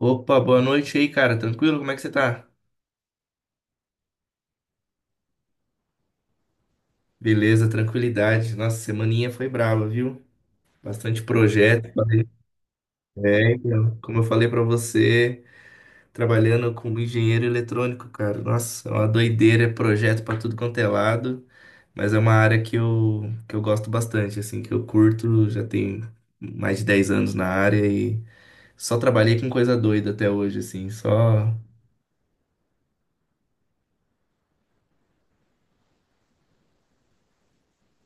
Opa, boa noite aí, cara. Tranquilo? Como é que você tá? Beleza, tranquilidade. Nossa, semaninha foi brava, viu? Bastante projeto. É, então, como eu falei pra você, trabalhando como engenheiro eletrônico, cara. Nossa, é uma doideira, é projeto pra tudo quanto é lado. Mas é uma área que eu gosto bastante, assim, que eu curto. Já tem mais de 10 anos na área e só trabalhei com coisa doida até hoje, assim. Só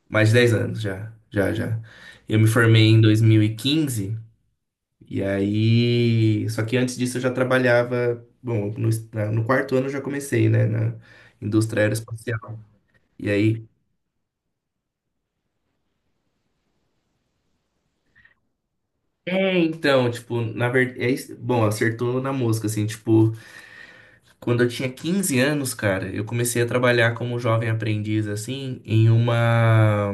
mais de 10 anos já, já, já. Eu me formei em 2015. E aí, só que antes disso eu já trabalhava, bom, no quarto ano eu já comecei, né, na indústria aeroespacial. E aí, é, então, tipo, na verdade, é, bom, acertou na mosca, assim, tipo, quando eu tinha 15 anos, cara, eu comecei a trabalhar como jovem aprendiz, assim, em uma,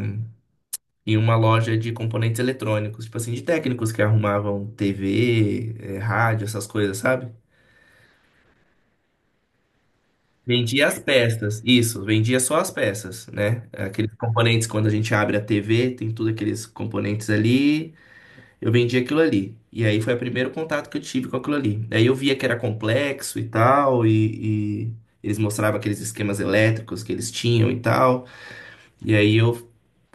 em uma loja de componentes eletrônicos, tipo assim, de técnicos que arrumavam TV, rádio, essas coisas, sabe? Vendia as peças, isso, vendia só as peças, né? Aqueles componentes, quando a gente abre a TV, tem tudo aqueles componentes ali, eu vendia aquilo ali. E aí foi o primeiro contato que eu tive com aquilo ali. Aí eu via que era complexo e tal, e eles mostravam aqueles esquemas elétricos que eles tinham e tal. E aí eu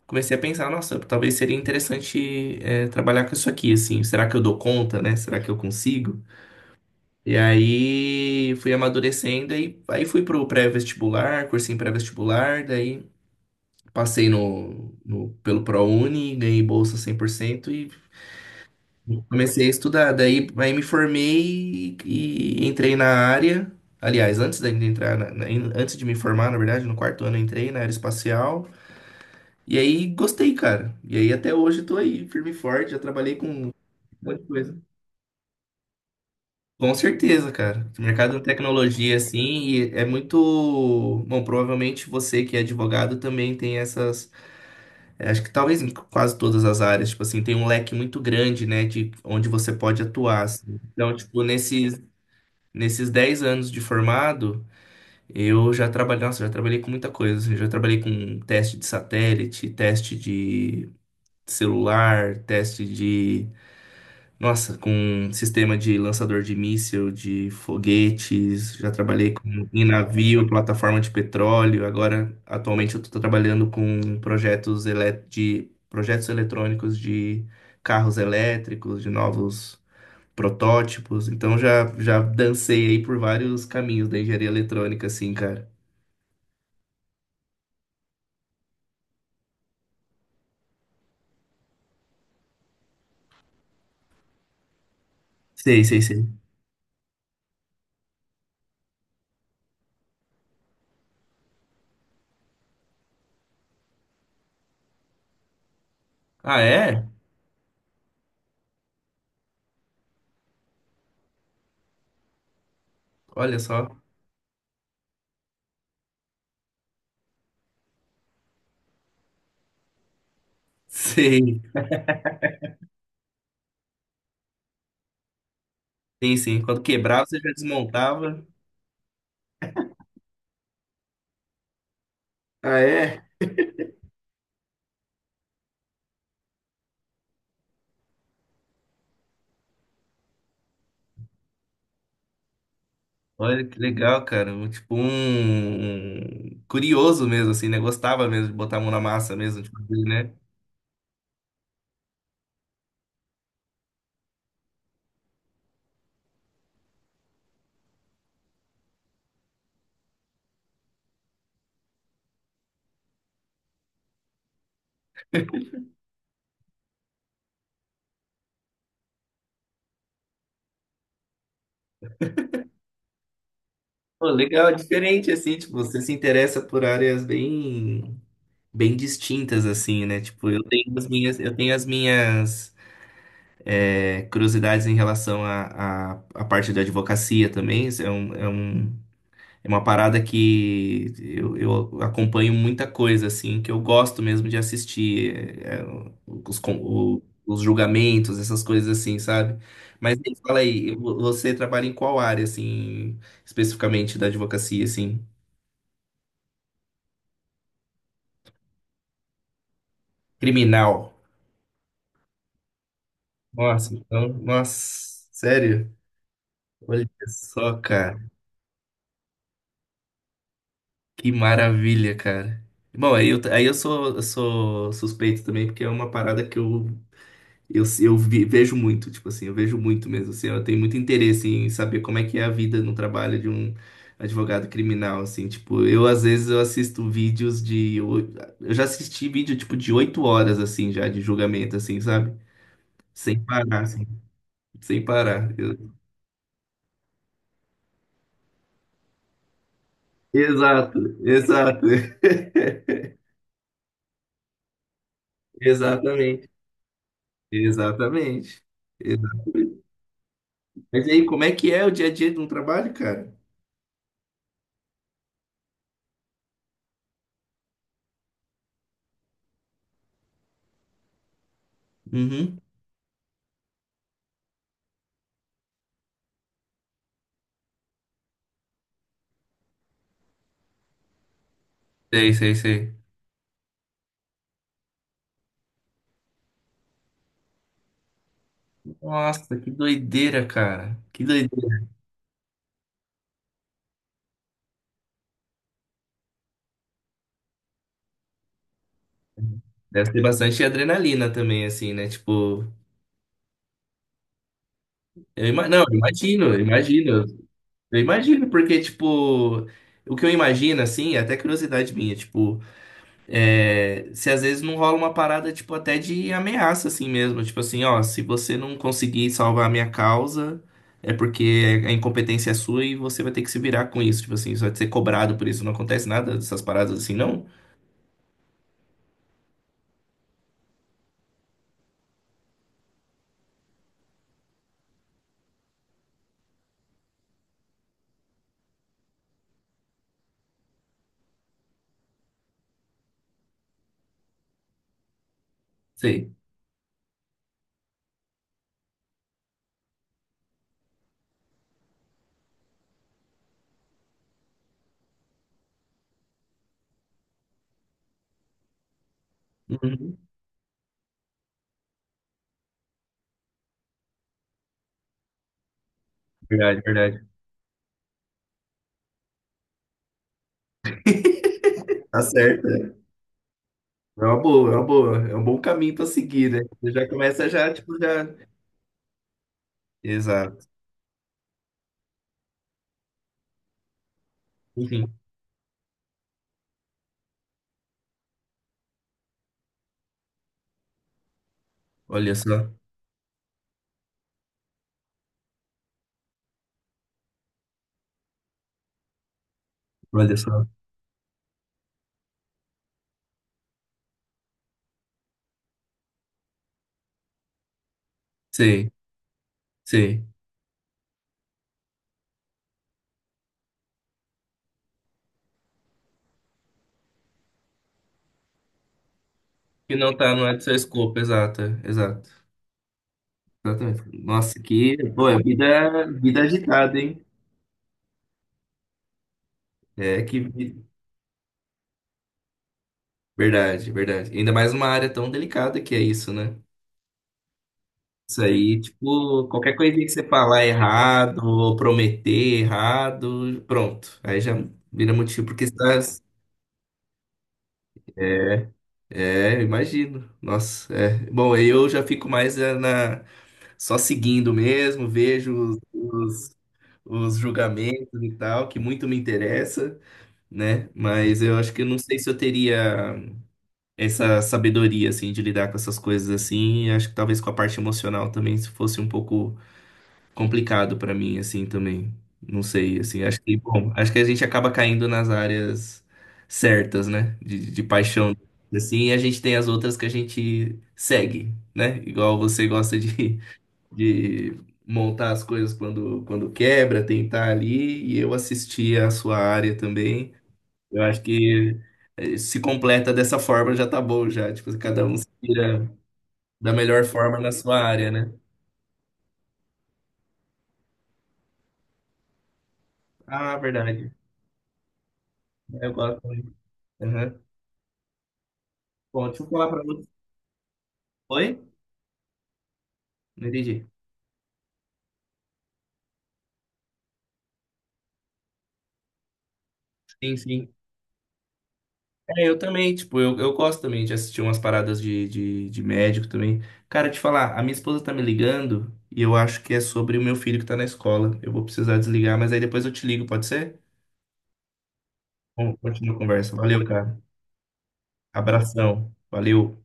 comecei a pensar, nossa, talvez seria interessante, é, trabalhar com isso aqui, assim, será que eu dou conta, né? Será que eu consigo? E aí fui amadurecendo e aí fui pro pré-vestibular, cursinho pré-vestibular, daí passei no, no pelo ProUni, ganhei bolsa 100% e comecei a estudar. Daí aí me formei e entrei na área. Aliás, antes de entrar antes de me formar, na verdade, no quarto ano eu entrei na área espacial. E aí gostei, cara. E aí até hoje eu tô aí, firme e forte, já trabalhei com um monte de coisa. Com certeza, cara. O mercado de tecnologia, assim, e é muito. Bom, provavelmente você que é advogado também tem essas. Acho que talvez em quase todas as áreas, tipo assim, tem um leque muito grande, né, de onde você pode atuar, assim. Então, tipo, nesses 10 anos de formado, eu já trabalhei. Nossa, já trabalhei com muita coisa, assim, já trabalhei com teste de satélite, teste de celular, teste de nossa, com sistema de lançador de míssil, de foguetes, já trabalhei com, em navio, plataforma de petróleo. Agora, atualmente, eu estou trabalhando com projetos de projetos eletrônicos de carros elétricos, de novos protótipos. Então, já dancei aí por vários caminhos da engenharia eletrônica, assim, cara. Sei, sei, sei. Ah, é? Olha só. Sei. Sim, sim. Quando quebrava, você já desmontava. Ah, é? Olha que legal, cara. Tipo um curioso mesmo, assim, né? Gostava mesmo de botar a mão na massa mesmo, tipo, de fazer, né? Pô, legal, é diferente, assim, tipo, você se interessa por áreas bem, bem distintas, assim, né? Tipo, eu tenho as minhas é, curiosidades em relação à parte da advocacia também. Isso é uma parada que eu acompanho muita coisa, assim, que eu gosto mesmo de assistir. é, é, os julgamentos, essas coisas assim, sabe? Mas me fala aí, você trabalha em qual área, assim, especificamente da advocacia, assim? Criminal. Nossa, então, nossa, sério? Olha só, cara. Que maravilha, cara. Bom, aí eu sou suspeito também, porque é uma parada que eu vejo muito, tipo assim, eu vejo muito mesmo, assim, eu tenho muito interesse em saber como é que é a vida no trabalho de um advogado criminal, assim, tipo, eu às vezes eu assisto vídeos eu já assisti vídeo, tipo, de 8 horas, assim, já, de julgamento, assim, sabe? Sem parar, assim, sem parar. Exato, exato, exatamente, exatamente. Exatamente. Mas e aí, como é que é o dia a dia de um trabalho, cara? Uhum. Sei, sei, sei. Nossa, que doideira, cara. Que doideira. Deve ter bastante adrenalina também, assim, né? Tipo, não, eu imagino, eu imagino, eu imagino, porque, tipo, o que eu imagino, assim, é até curiosidade minha, tipo, é, se às vezes não rola uma parada, tipo, até de ameaça, assim mesmo, tipo assim, ó, se você não conseguir salvar a minha causa, é porque a incompetência é sua e você vai ter que se virar com isso, tipo assim, você vai ser cobrado por isso, não acontece nada dessas paradas assim, não? Sei. Uhum. Verdade, verdade. Tá certo. É uma boa, é uma boa. É um bom caminho para seguir, né? Você já começa já, tipo, já. Exato. Enfim, olha só, olha só. Sei, sei. Que não tá, não é do seu escopo, exato, é, exato. Exatamente. Nossa, que. Pô, é vida, vida agitada, hein? É que. Verdade, verdade. Ainda mais uma área tão delicada que é isso, né? Isso aí, tipo, qualquer coisinha que você falar errado, ou prometer errado, pronto. Aí já vira motivo, porque você tá. É, eu imagino. Nossa, é. Bom, aí eu já fico mais na só seguindo mesmo, vejo os julgamentos e tal, que muito me interessa, né? Mas eu acho que eu não sei se eu teria essa sabedoria assim de lidar com essas coisas assim. Acho que talvez com a parte emocional também, se fosse um pouco complicado pra mim, assim, também. Não sei, assim, acho que, bom, acho que a gente acaba caindo nas áreas certas, né? De paixão, assim, e a gente tem as outras que a gente segue, né? Igual você gosta de montar as coisas quando quebra, tentar ali, e eu assisti a sua área também. Eu acho que se completa dessa forma já tá bom, já. Tipo, cada um se vira da melhor forma na sua área, né? Ah, verdade. Eu gosto muito. Aham. Bom, deixa eu falar pra você. Oi? Não entendi. Sim, sim. É, eu também, tipo, eu gosto também de assistir umas paradas de médico também. Cara, te falar, a minha esposa tá me ligando e eu acho que é sobre o meu filho que tá na escola. Eu vou precisar desligar, mas aí depois eu te ligo, pode ser? Bom, continua a conversa. Valeu, cara. Abração. Valeu.